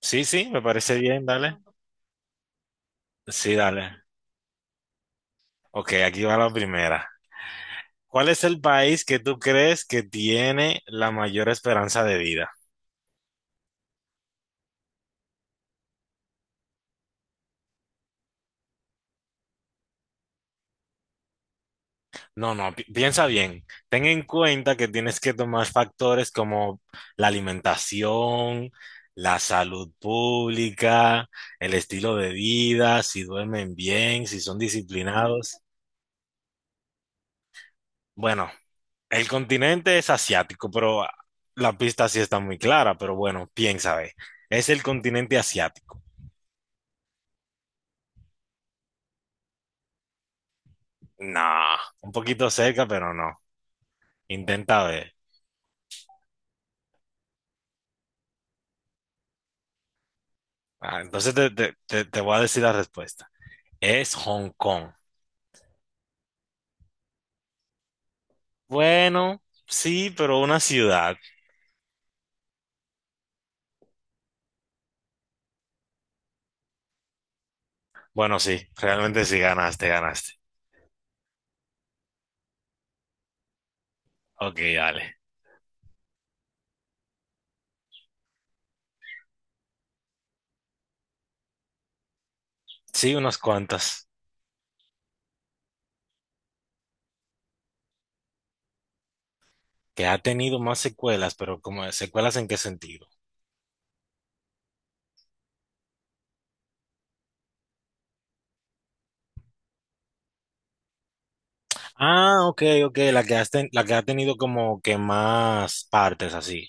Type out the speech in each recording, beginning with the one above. Sí, me parece bien, dale. Sí, dale. Ok, aquí va la primera. ¿Cuál es el país que tú crees que tiene la mayor esperanza de vida? No, piensa bien. Ten en cuenta que tienes que tomar factores como la alimentación, la salud pública, el estilo de vida, si duermen bien, si son disciplinados. Bueno, el continente es asiático, pero la pista sí está muy clara, pero bueno, piensa, ve. Es el continente asiático. No, un poquito cerca, pero no. Intenta ver. Entonces te voy a decir la respuesta. Es Hong Kong. Bueno, sí, pero una ciudad. Bueno, sí, realmente sí ganaste, ganaste. Ok, dale. Sí, unas cuantas. Que ha tenido más secuelas, pero como secuelas en qué sentido. Ah, ok, ok, la la que ha tenido como que más partes así.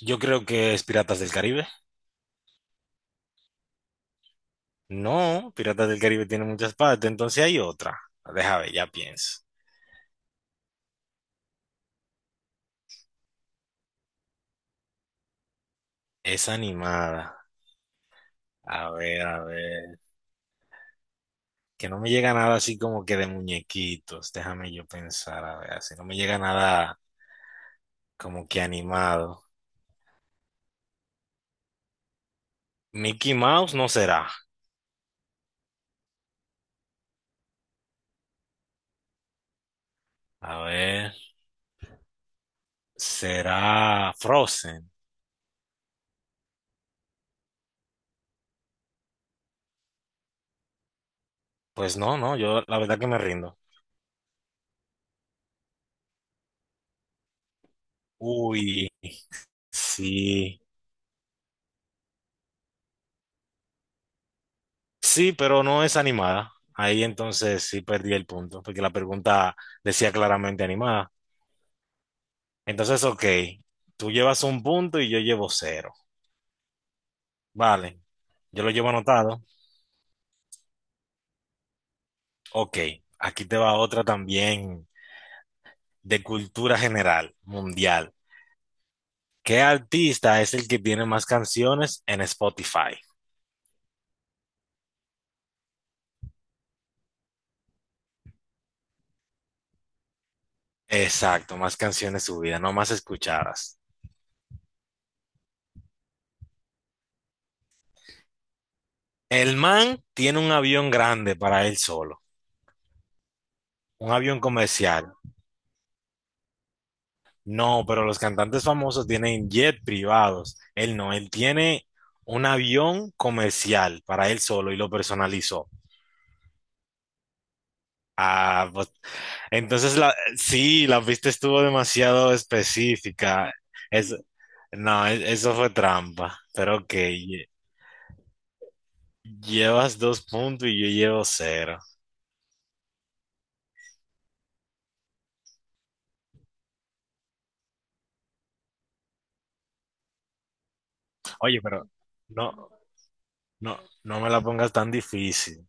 Yo creo que es Piratas del Caribe. No, Piratas del Caribe tiene muchas partes, entonces hay otra. Déjame, ya pienso. Es animada. A ver, a ver. Que no me llega nada así como que de muñequitos. Déjame yo pensar, a ver, si no me llega nada como que animado. Mickey Mouse no será. A ver, será Frozen. Pues no, no, yo la verdad que me rindo. Uy. Sí, sí, pero no es animada. Ahí entonces sí perdí el punto, porque la pregunta decía claramente animada. Entonces, ok, tú llevas un punto y yo llevo cero. Vale, yo lo llevo anotado. Ok, aquí te va otra también de cultura general, mundial. ¿Qué artista es el que tiene más canciones en Spotify? Exacto, más canciones subidas, no más escuchadas. El man tiene un avión grande para él solo, un avión comercial. No, pero los cantantes famosos tienen jet privados. Él no, él tiene un avión comercial para él solo y lo personalizó. Ah, pues, entonces sí, la pista estuvo demasiado específica. Es, no, e- Eso fue trampa. Pero ok, llevas dos puntos y yo llevo cero. Oye, pero no, no me la pongas tan difícil.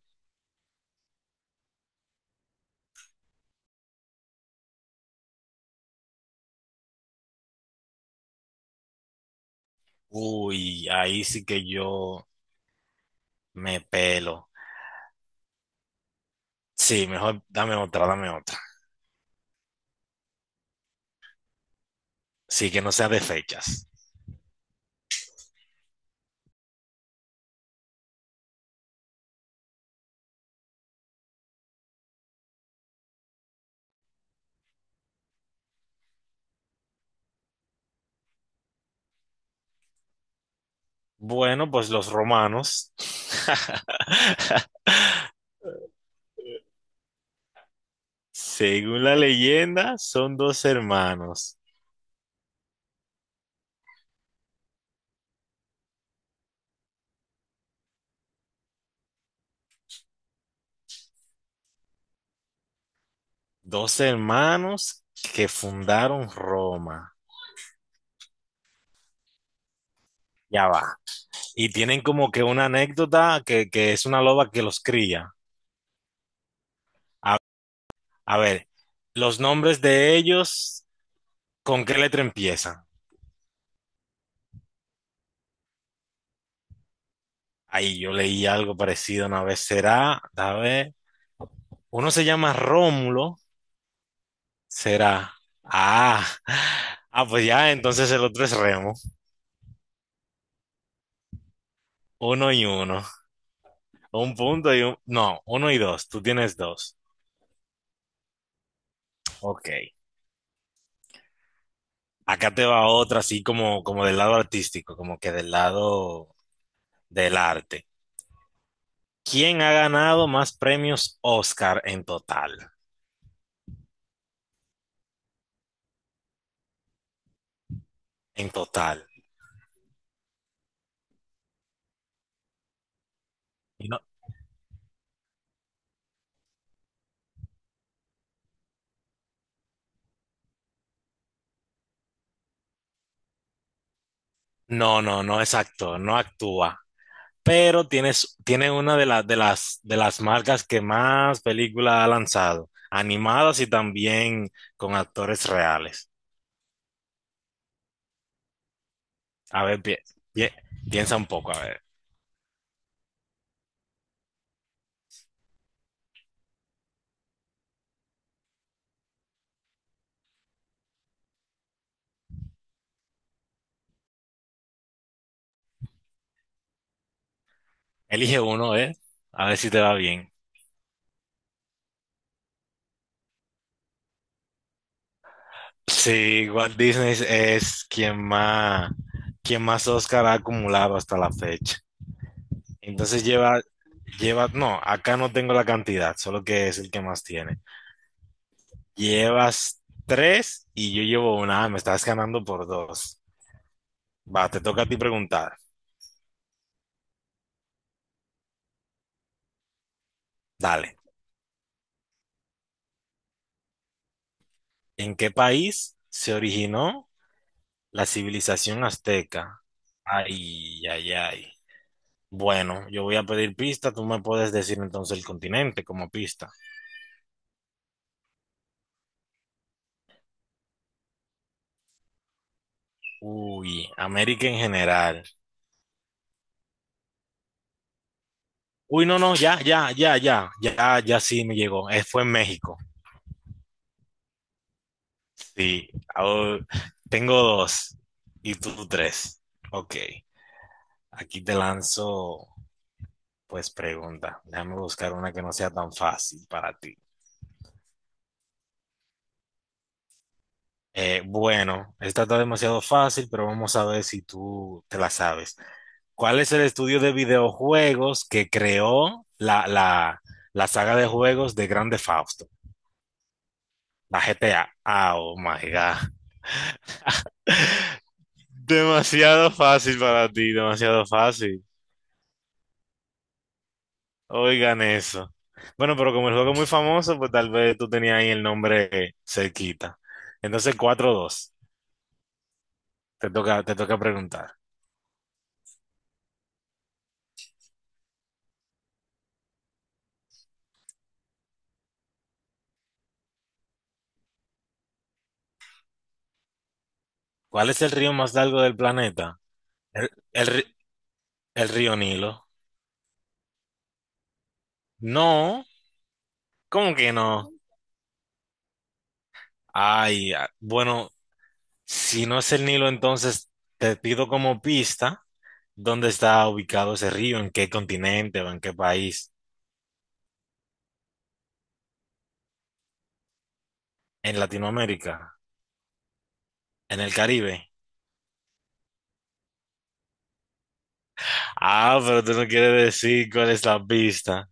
Uy, ahí sí que yo me pelo. Sí, mejor dame otra, dame otra. Sí, que no sea de fechas. Bueno, pues los romanos, según la leyenda, son dos hermanos. Dos hermanos que fundaron Roma. Ya va. Y tienen como que una anécdota que es una loba que los cría. A, a ver, los nombres de ellos, ¿con qué letra empiezan? Ay, yo leí algo parecido una vez. Será, a ver, uno se llama Rómulo, será. Ah, ah, pues ya, entonces el otro es Remo. Uno y uno. Un punto y un. No, uno y dos. Tú tienes dos. Ok. Acá te va otra, así como, como del lado artístico, como que del lado del arte. ¿Quién ha ganado más premios Oscar en total? En total. Y No, no, no es actor, no actúa. Pero tiene una de, de las marcas que más películas ha lanzado, animadas y también con actores reales. A ver, pi- piensa un poco, a ver. Elige uno, ¿eh? A ver si te va bien. Sí, Walt Disney es quien más Oscar ha acumulado hasta la fecha. Entonces lleva, no, acá no tengo la cantidad, solo que es el que más tiene. Llevas tres y yo llevo una. Ah, me estás ganando por dos. Va, te toca a ti preguntar. Dale. ¿En qué país se originó la civilización azteca? Ay, ay, ay. Bueno, yo voy a pedir pista. Tú me puedes decir entonces el continente como pista. Uy, América en general. Uy, no, no, ya sí me llegó. Fue en México. Sí, ahora tengo dos y tú tres. Ok, aquí te lanzo, pues pregunta. Déjame buscar una que no sea tan fácil para ti. Bueno, esta está demasiado fácil, pero vamos a ver si tú te la sabes. ¿Cuál es el estudio de videojuegos que creó la saga de juegos de Grande Fausto? La GTA. Ah, Oh my God. Demasiado fácil para ti, demasiado fácil. Oigan eso. Bueno, pero como el juego es muy famoso, pues tal vez tú tenías ahí el nombre cerquita. Entonces, cuatro dos. Te toca preguntar. ¿Cuál es el río más largo del planeta? El, el ri- El río Nilo. No, ¿cómo que no? Bueno, si no es el Nilo, entonces te pido como pista dónde está ubicado ese río, en qué continente o en qué país. En Latinoamérica, en el Caribe. Ah, pero tú no quieres decir cuál es la pista.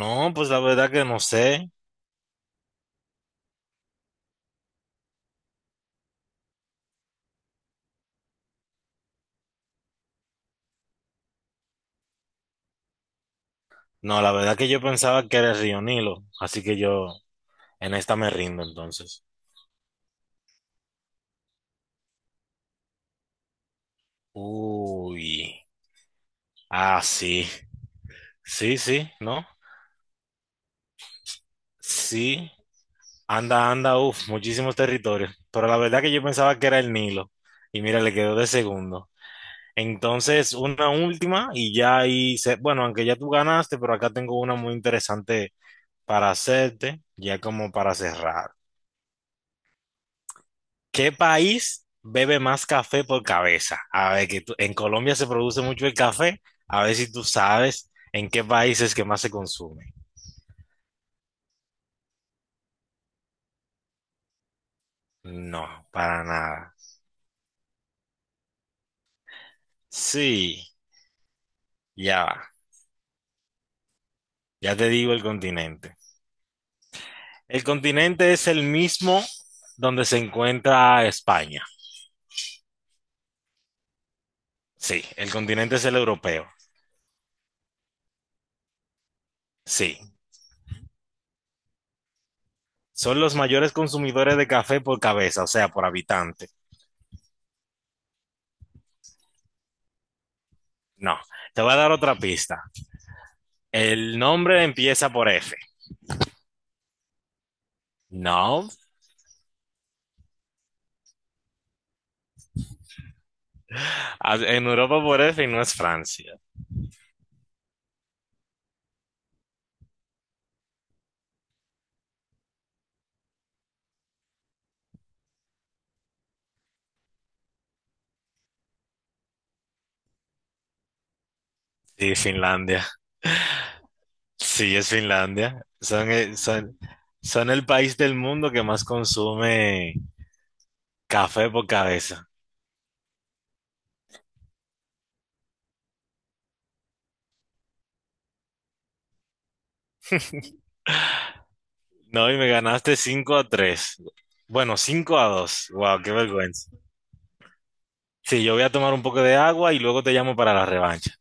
No, pues la verdad que no sé. No, la verdad que yo pensaba que era el río Nilo, así que yo en esta me rindo entonces. Uy, sí. Sí, sí, ¿no? Sí. Anda, anda, uff, muchísimos territorios. Pero la verdad que yo pensaba que era el Nilo. Y mira, le quedó de segundo. Entonces, una última y ya ahí, bueno, aunque ya tú ganaste, pero acá tengo una muy interesante para hacerte, ya como para cerrar. ¿Qué país bebe más café por cabeza? A ver, que en Colombia se produce mucho el café. A ver si tú sabes en qué país es que más se consume. No, para nada. Sí, ya va. Ya te digo el continente. El continente es el mismo donde se encuentra España. Sí, el continente es el europeo. Sí, son los mayores consumidores de café por cabeza, o sea, por habitante. No, te voy a dar otra pista. El nombre empieza por F. No, en Europa por F y no es Francia. Sí, Finlandia. Sí, es Finlandia. Son el país del mundo que más consume café por cabeza. No, y me ganaste 5-3. Bueno, 5-2. Wow, qué vergüenza. Sí, yo voy a tomar un poco de agua y luego te llamo para la revancha.